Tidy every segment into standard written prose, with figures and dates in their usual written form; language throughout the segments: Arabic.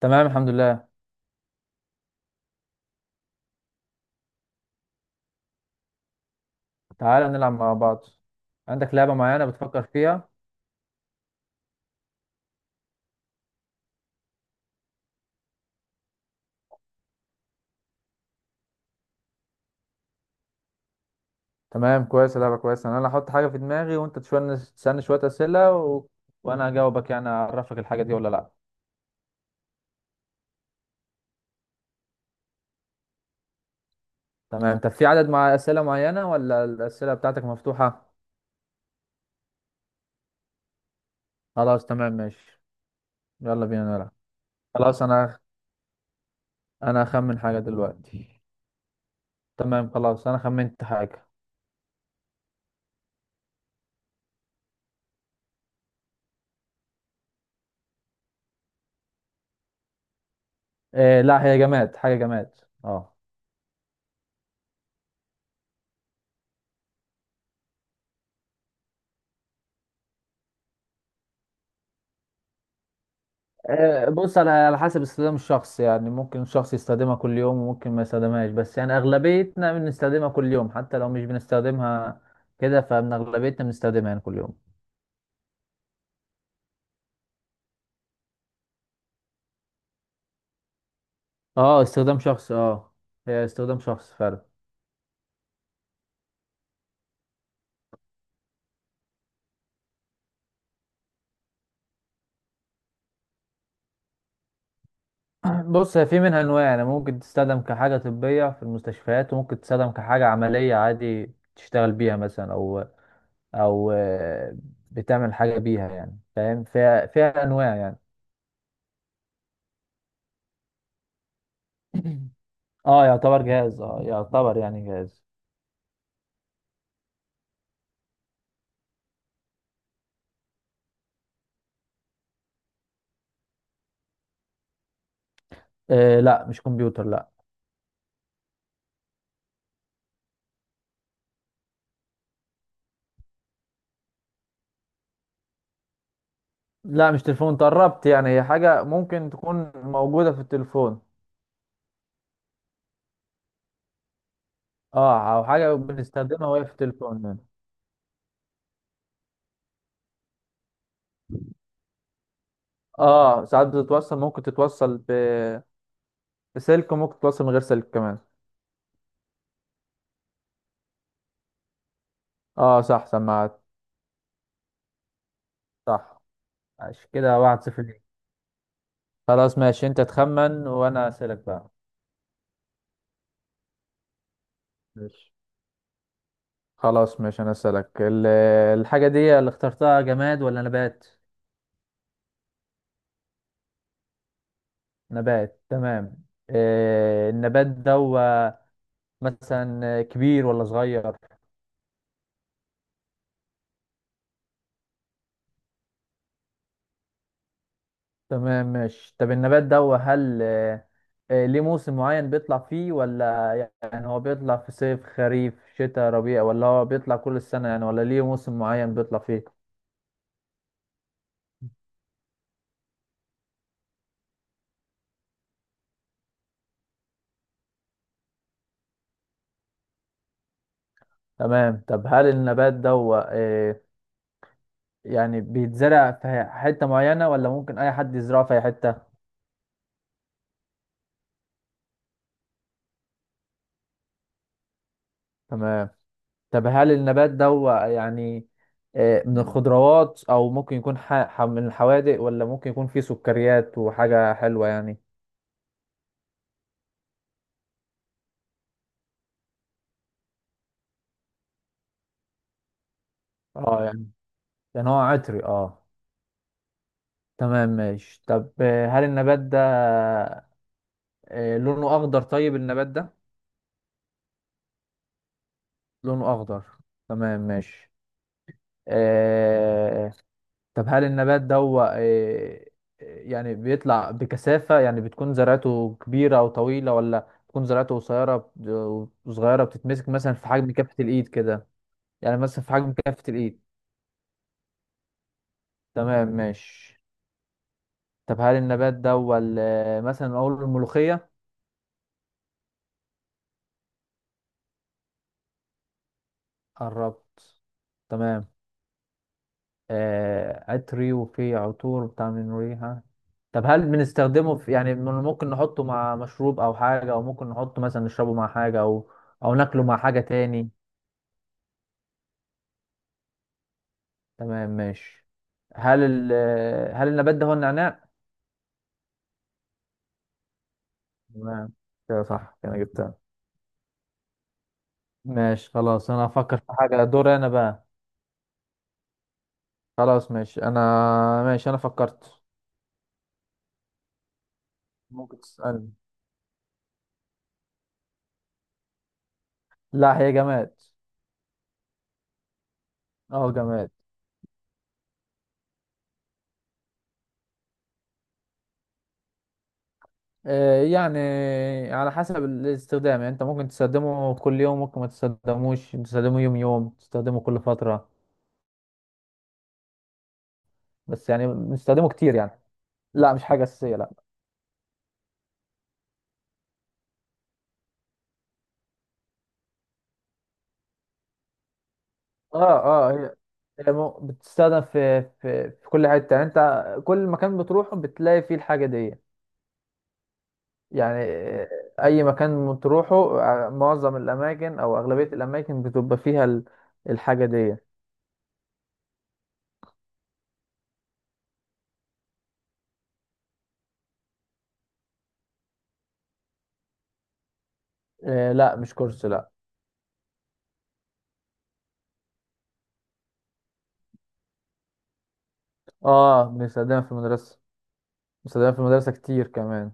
تمام، الحمد لله. تعالى نلعب مع بعض. عندك لعبة معينة بتفكر فيها؟ تمام، كويس. لعبة كويسة. انا اللي هحط حاجة في دماغي وانت تشوية تسألني شوية أسئلة وانا هجاوبك يعني اعرفك الحاجة دي ولا لا. تمام، طب في عدد مع أسئلة معينة ولا الأسئلة بتاعتك مفتوحة؟ خلاص، تمام، ماشي. يلا بينا نلعب. خلاص انا هخمن حاجة دلوقتي. تمام، خلاص، انا خمنت حاجة. إيه، لا هي جماد، حاجة جماد. اه. بص، على حسب استخدام الشخص، يعني ممكن شخص يستخدمها كل يوم وممكن ما يستخدمهاش، بس يعني أغلبيتنا بنستخدمها كل يوم حتى لو مش بنستخدمها كده، فمن أغلبيتنا بنستخدمها يعني كل يوم. اه استخدام شخص، اه هي استخدام شخص فعلا. بص، هي في منها أنواع، يعني ممكن تستخدم كحاجة طبية في المستشفيات وممكن تستخدم كحاجة عملية عادي تشتغل بيها مثلا، أو أو بتعمل حاجة بيها يعني، فاهم، فيها أنواع يعني. اه يعتبر جهاز، اه يعتبر يعني جهاز. آه لا، مش كمبيوتر لا. لا مش تليفون، تقربت، يعني هي حاجة ممكن تكون موجودة في التليفون. اه، او حاجة بنستخدمها وهي في التليفون يعني. اه ساعات بتتوصل، ممكن تتوصل بسلك، وممكن تتوصل من غير سلك كمان. اه صح، سماعات. صح، ماشي. كده 1-0 ليك. خلاص ماشي، انت تخمن وانا اسألك بقى. ماشي، خلاص، ماشي، انا اسألك. الحاجة دي اللي اخترتها جماد ولا نبات؟ نبات، تمام. آه النبات ده مثلا كبير ولا صغير؟ تمام ماشي، طب النبات ده هل ليه موسم معين بيطلع فيه، ولا يعني هو بيطلع في صيف خريف شتاء ربيع، ولا هو بيطلع كل السنة يعني، ولا ليه موسم معين بيطلع فيه؟ تمام، طب هل النبات ده آه، يعني بيتزرع في حتة معينة ولا ممكن أي حد يزرعه في أي حتة؟ تمام، طب هل النبات ده يعني من الخضروات أو ممكن يكون من الحوادق، ولا ممكن يكون فيه سكريات وحاجة حلوة يعني؟ اه يعني، يعني هو عطري اه. تمام ماشي، طب هل النبات ده لونه اخضر؟ طيب النبات ده لونه اخضر. تمام ماشي. آه طب هل النبات ده هو آه يعني بيطلع بكثافة، يعني بتكون زرعته كبيرة او طويلة، ولا بتكون زرعته قصيرة وصغيرة بتتمسك مثلا في حجم كفة الايد كده؟ يعني مثلا في حجم كفة الايد. تمام ماشي، طب هل النبات ده هو مثلا اقول الملوخية؟ قربت. تمام. آه عطري وفي عطور بتاع من ريحة. طب هل بنستخدمه في، يعني ممكن نحطه مع مشروب او حاجة، او ممكن نحطه مثلا نشربه مع حاجة، او او ناكله مع حاجة تاني؟ تمام، ماشي. هل ال آه، هل النبات ده هو النعناع؟ تمام، كده صح، كده جبتها. ماشي خلاص، انا هفكر في حاجة، دور انا بقى. خلاص ماشي، انا ماشي، انا فكرت. ممكن تسألني. لا هي جماد. اه جماد. يعني على حسب الاستخدام، يعني انت ممكن تستخدمه كل يوم، ممكن ما تستخدموش، تستخدمه يوم يوم، تستخدمه كل فترة. بس يعني بنستخدمه كتير يعني. لا مش حاجة أساسية لا. اه اه، هي بتستخدم في كل حتة، يعني انت كل مكان بتروحه بتلاقي فيه الحاجة دي. يعني اي مكان بتروحه، معظم الاماكن او اغلبية الاماكن بتبقى فيها الحاجة دي. آه لا، مش كورس لا. اه بنستخدمها في المدرسة، بنستخدمها في المدرسة كتير كمان.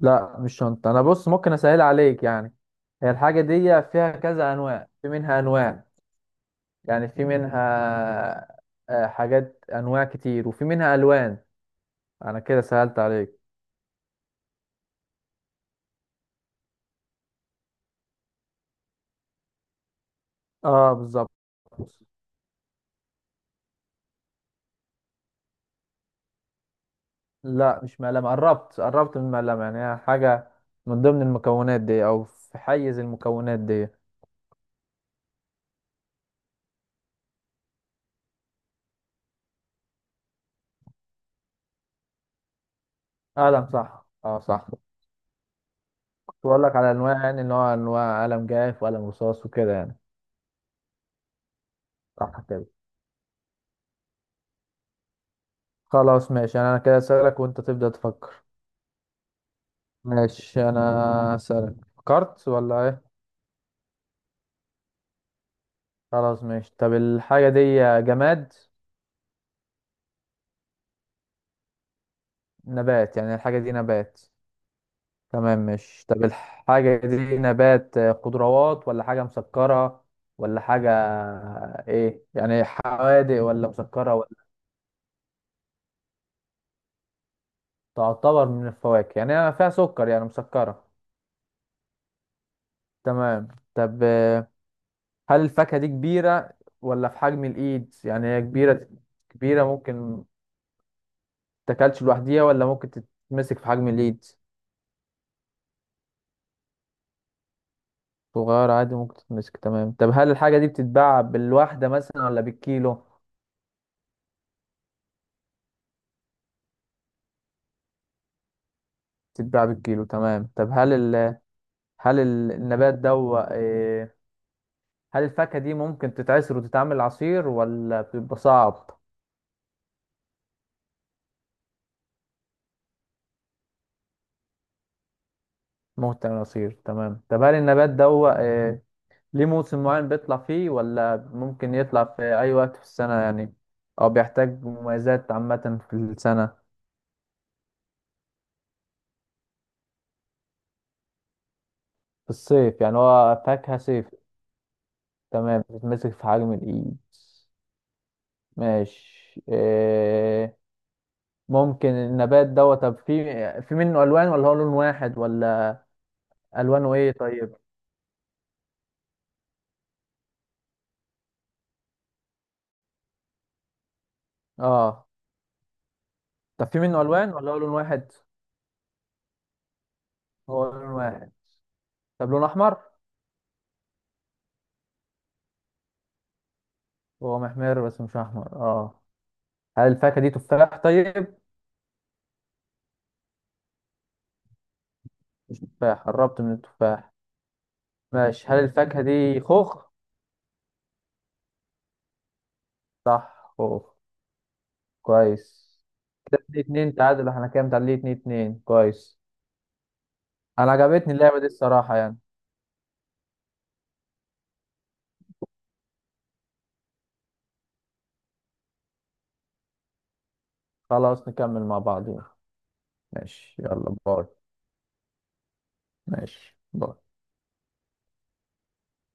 لا مش شنطة. أنا بص ممكن أسهل عليك يعني، هي الحاجة دي فيها كذا أنواع، في منها أنواع، يعني في منها حاجات أنواع كتير وفي منها ألوان. أنا كده سهلت عليك. اه بالظبط. لا مش مقلمة، قربت، قربت من المقلمة، يعني هي حاجة من ضمن المكونات دي أو في حيز المكونات دي. قلم، صح، اه صح. بقول لك على أنواع يعني، إن هو أنواع قلم جاف وقلم رصاص وكده يعني. صح كده. خلاص ماشي، يعني أنا كده أسألك وأنت تبدأ تفكر. ماشي انا اسالك، فكرت ولا ايه؟ خلاص ماشي، طب الحاجه دي جماد؟ نبات، يعني الحاجه دي نبات. تمام ماشي، طب الحاجه دي نبات خضروات ولا حاجه مسكره، ولا حاجه ايه، يعني حوادق ولا مسكره ولا؟ تعتبر من الفواكه، يعني أنا فيها سكر، يعني مسكره. تمام، طب هل الفاكهه دي كبيره ولا في حجم الايد؟ يعني هي كبيره، كبيره ممكن تاكلش لوحديها، ولا ممكن تتمسك في حجم الايد؟ صغير عادي ممكن تتمسك. تمام، طب هل الحاجة دي بتتباع بالواحدة مثلا ولا بالكيلو؟ بتتباع بالكيلو. تمام، طب هل ال... هل ال- النبات ده هو- إيه... هل الفاكهة دي ممكن تتعصر وتتعمل عصير ولا بيبقى صعب؟ ممكن تعمل عصير. تمام، طب هل النبات ده هو إيه... ليه موسم معين بيطلع فيه، ولا ممكن يطلع في أي وقت في السنة يعني، أو بيحتاج مميزات عامة في السنة؟ في الصيف، يعني هو فاكهة صيف. تمام، بتتمسك في حجم الإيد. ماشي. إيه ممكن النبات دوت. طب في، في منه الوان ولا هو لون واحد ولا؟ الوانه ايه طيب؟ اه طب في منه الوان ولا هو لون واحد؟ هو لون واحد. طب لون احمر؟ هو محمر بس مش احمر اه. هل الفاكهه دي تفاح طيب؟ مش تفاح، قربت من التفاح. ماشي، هل الفاكهه دي خوخ؟ صح خوخ، كويس. كده 2-2 تعادل، احنا كام متعادلين؟ 2-2، كويس. انا عجبتني اللعبه دي الصراحه يعني. خلاص نكمل مع بعض. ماشي، يلا باي. ماشي باي.